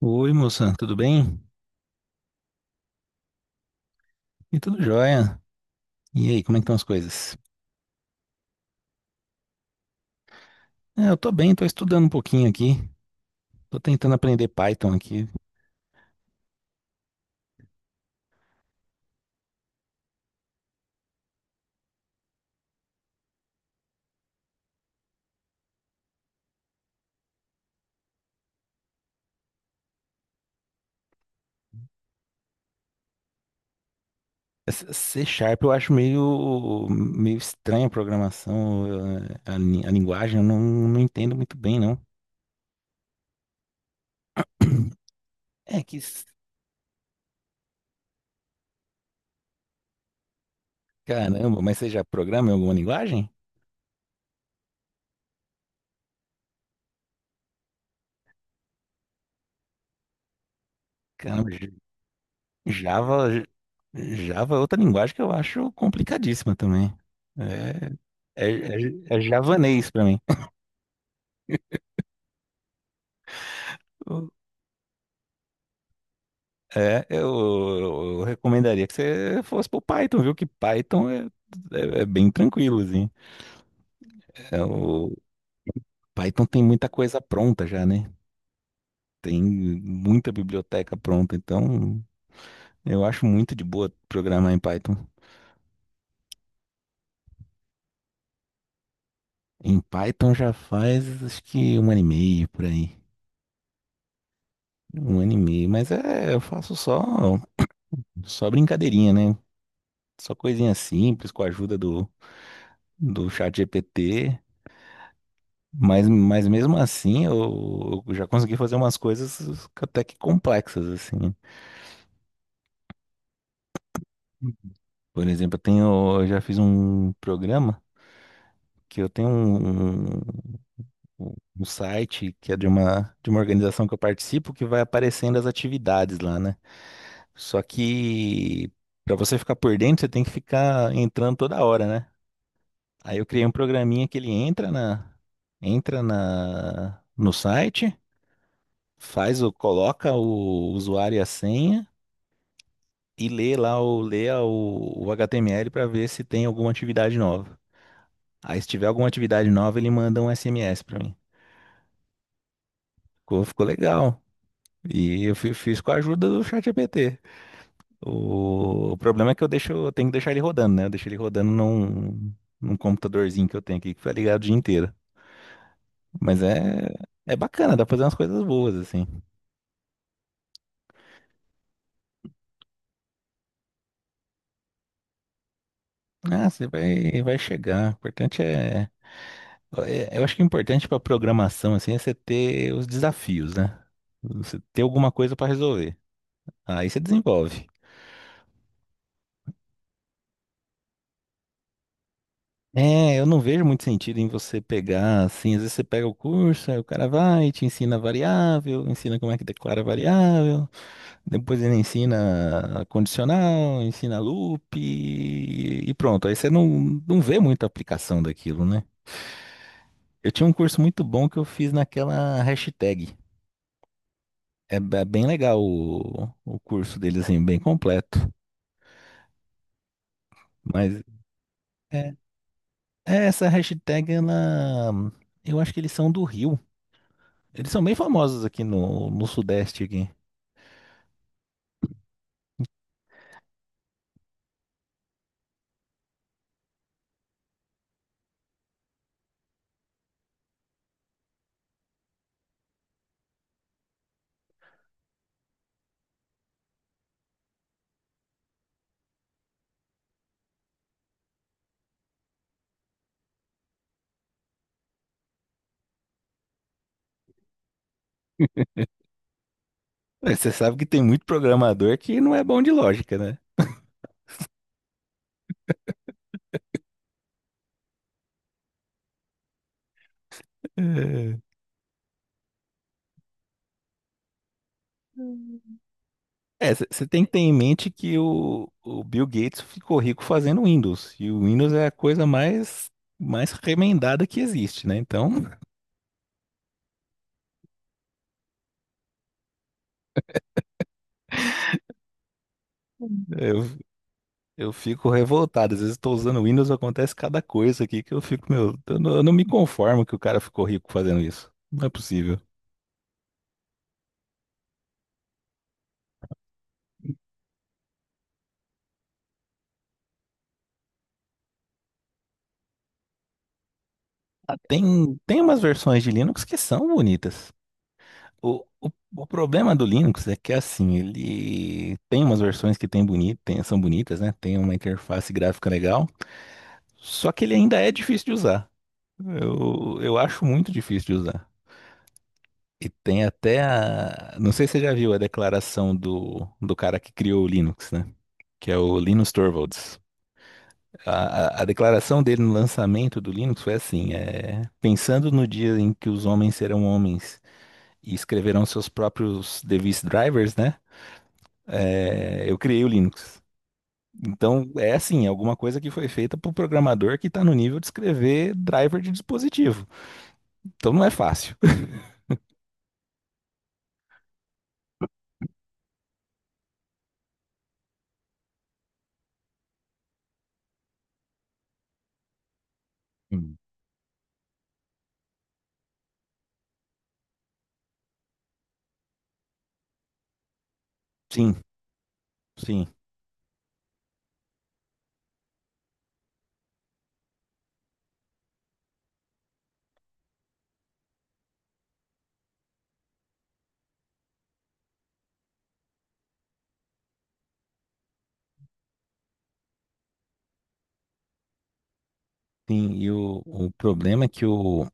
Oi, moça, tudo bem? E tudo jóia? E aí, como é que estão as coisas? É, eu tô bem, tô estudando um pouquinho aqui. Tô tentando aprender Python aqui. Essa C Sharp eu acho meio estranha a programação, a linguagem, eu não, não entendo muito bem, não. É que, s- caramba, mas você já programa em alguma linguagem? Caramba, Java, Java é outra linguagem que eu acho complicadíssima também. É javanês pra mim. Eu- É, eu, eu recomendaria que você fosse pro Python, viu? Que Python é bem tranquilo, assim. É, o Python tem muita coisa pronta já, né? Tem muita biblioteca pronta, então eu acho muito de boa programar em Python. Em Python já faz acho que um ano e meio por aí. Um ano e meio, mas é, eu faço só. Só brincadeirinha, né? Só coisinha simples com a ajuda do chat GPT. Mas mesmo assim, eu já consegui fazer umas coisas até que complexas, assim. Por exemplo, eu já fiz um programa que eu tenho um um site que é de uma organização que eu participo que vai aparecendo as atividades lá, né? Só que para você ficar por dentro, você tem que ficar entrando toda hora, né? Aí eu criei um programinha que ele entra na no site, faz o coloca o usuário e a senha e lê o HTML para ver se tem alguma atividade nova. Aí se tiver alguma atividade nova, ele manda um SMS para mim. Ficou legal. E eu fiz com a ajuda do ChatGPT. O problema é que eu tenho que deixar ele rodando, né? Eu deixo ele rodando num computadorzinho que eu tenho aqui que fica ligado o dia inteiro. Mas é bacana, dá pra fazer umas coisas boas, assim. Ah, você vai chegar. O importante eu acho que o importante para programação assim é você ter os desafios, né? Você ter alguma coisa para resolver. Aí você desenvolve. É, eu não vejo muito sentido em você pegar assim, às vezes você pega o curso, aí o cara vai, te ensina variável, ensina como é que declara variável, depois ele ensina condicional, ensina loop e pronto. Aí você não vê muita aplicação daquilo, né? Eu tinha um curso muito bom que eu fiz naquela hashtag. É bem legal o curso deles, assim, bem completo. Mas é, é essa hashtag, ela. Eu acho que eles são do Rio. Eles são bem famosos aqui no Sudeste aqui. É, você sabe que tem muito programador que não é bom de lógica, né? É, É, você tem que ter em mente que o Bill Gates ficou rico fazendo Windows. E o Windows é a coisa mais remendada que existe, né? Então, eu- Eu fico revoltado. Às vezes estou usando o Windows, acontece cada coisa aqui que eu fico, meu, eu não me conformo que o cara ficou rico fazendo isso. Não é possível. Ah, tem umas versões de Linux que são bonitas. O, o, o problema do Linux é que assim, ele tem umas versões que são bonitas, né? Tem uma interface gráfica legal, só que ele ainda é difícil de usar. Eu acho muito difícil de usar. E tem até a. Não sei se você já viu a declaração do cara que criou o Linux, né? Que é o Linus Torvalds. A declaração dele no lançamento do Linux foi assim: é, pensando no dia em que os homens serão homens e escreverão seus próprios device drivers, né? É, eu criei o Linux. Então, é assim, é alguma coisa que foi feita para o programador que está no nível de escrever driver de dispositivo. Então, não é fácil. Hum. Sim, sim, sim. E o problema é que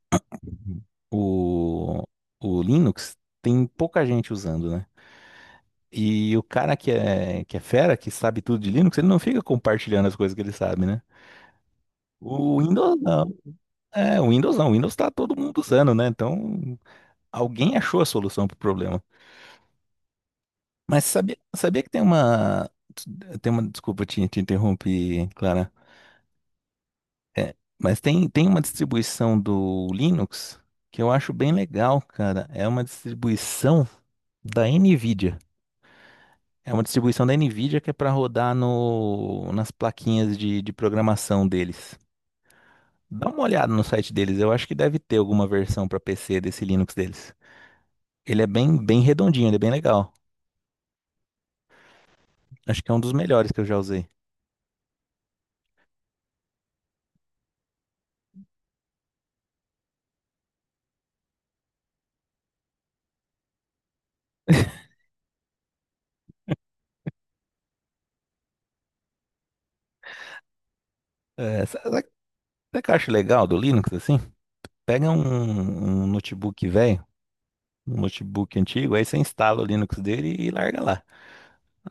o, o Linux tem pouca gente usando, né? E o cara que é fera, que sabe tudo de Linux, ele não fica compartilhando as coisas que ele sabe, né? O Windows não. É, o Windows não. O Windows tá todo mundo usando, né? Então, alguém achou a solução pro problema. Mas sabia que tem uma. Tem uma. Desculpa, te interrompi, Clara. É, mas tem uma distribuição do Linux que eu acho bem legal, cara. É uma distribuição da NVIDIA. É uma distribuição da NVIDIA que é para rodar no, nas plaquinhas de programação deles. Dá uma olhada no site deles, eu acho que deve ter alguma versão para PC desse Linux deles. Ele é bem redondinho, ele é bem legal. Acho que é um dos melhores que eu já usei. Sabe o que eu acho legal do Linux, assim? Pega um notebook velho, um notebook antigo, aí você instala o Linux dele e larga lá.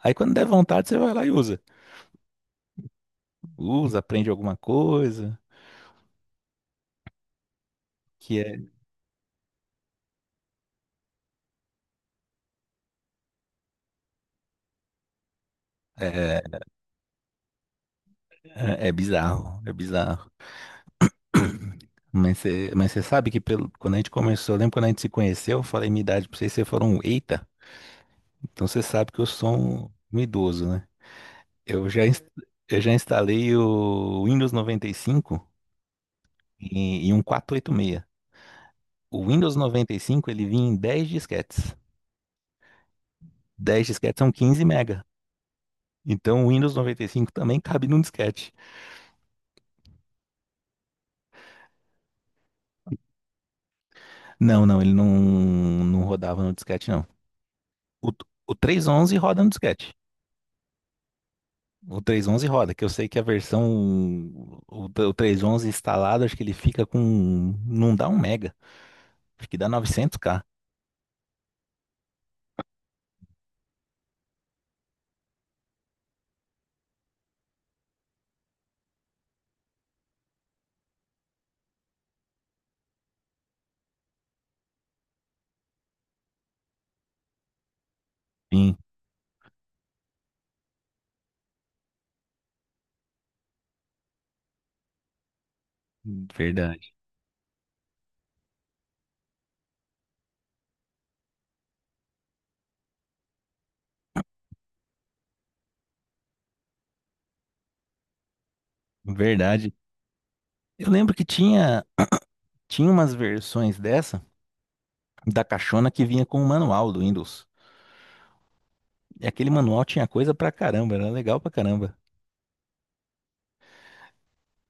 Aí quando der vontade, você vai lá e usa. Usa, aprende alguma coisa, que é, é bizarro, é bizarro. Mas você sabe que quando a gente começou, eu lembro quando a gente se conheceu, eu falei minha idade pra vocês, vocês foram, um eita, então você sabe que eu sou um idoso, né? Eu já, ins- eu já instalei o Windows 95 em um 486. O Windows 95 ele vinha em 10 disquetes. 10 disquetes são 15 mega. Então o Windows 95 também cabe num disquete. Não, não, ele não rodava no disquete, não. O, o 311 roda no disquete. O, três ponto onze roda, que eu sei que a versão, o 3.11 instalado, acho que ele fica com, não dá um mega, acho que dá 900K Sim, verdade. Verdade. Eu lembro que tinha umas versões da caixona que vinha com o manual do Windows. E aquele manual tinha coisa pra caramba, era legal pra caramba.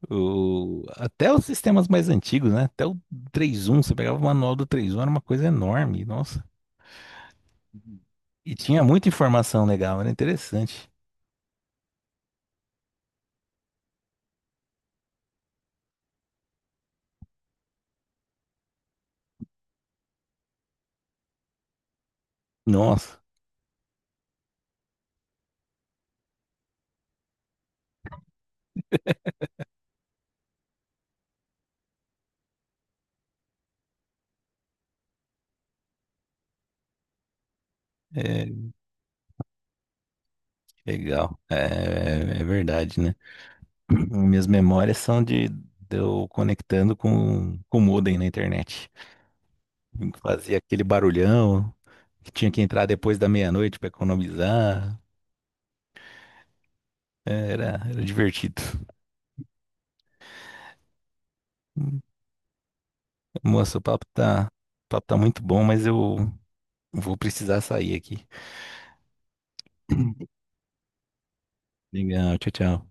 Até os sistemas mais antigos, né? Até o 3.1 você pegava o manual do 3.1 era uma coisa enorme, nossa. E tinha muita informação legal, era interessante. Nossa, é legal. É verdade, né? Minhas memórias são de eu conectando com o modem na internet. Fazia aquele barulhão, que tinha que entrar depois da meia-noite pra economizar. Era divertido. Moça, o papo tá muito bom, mas eu vou precisar sair aqui. Legal, tchau, tchau.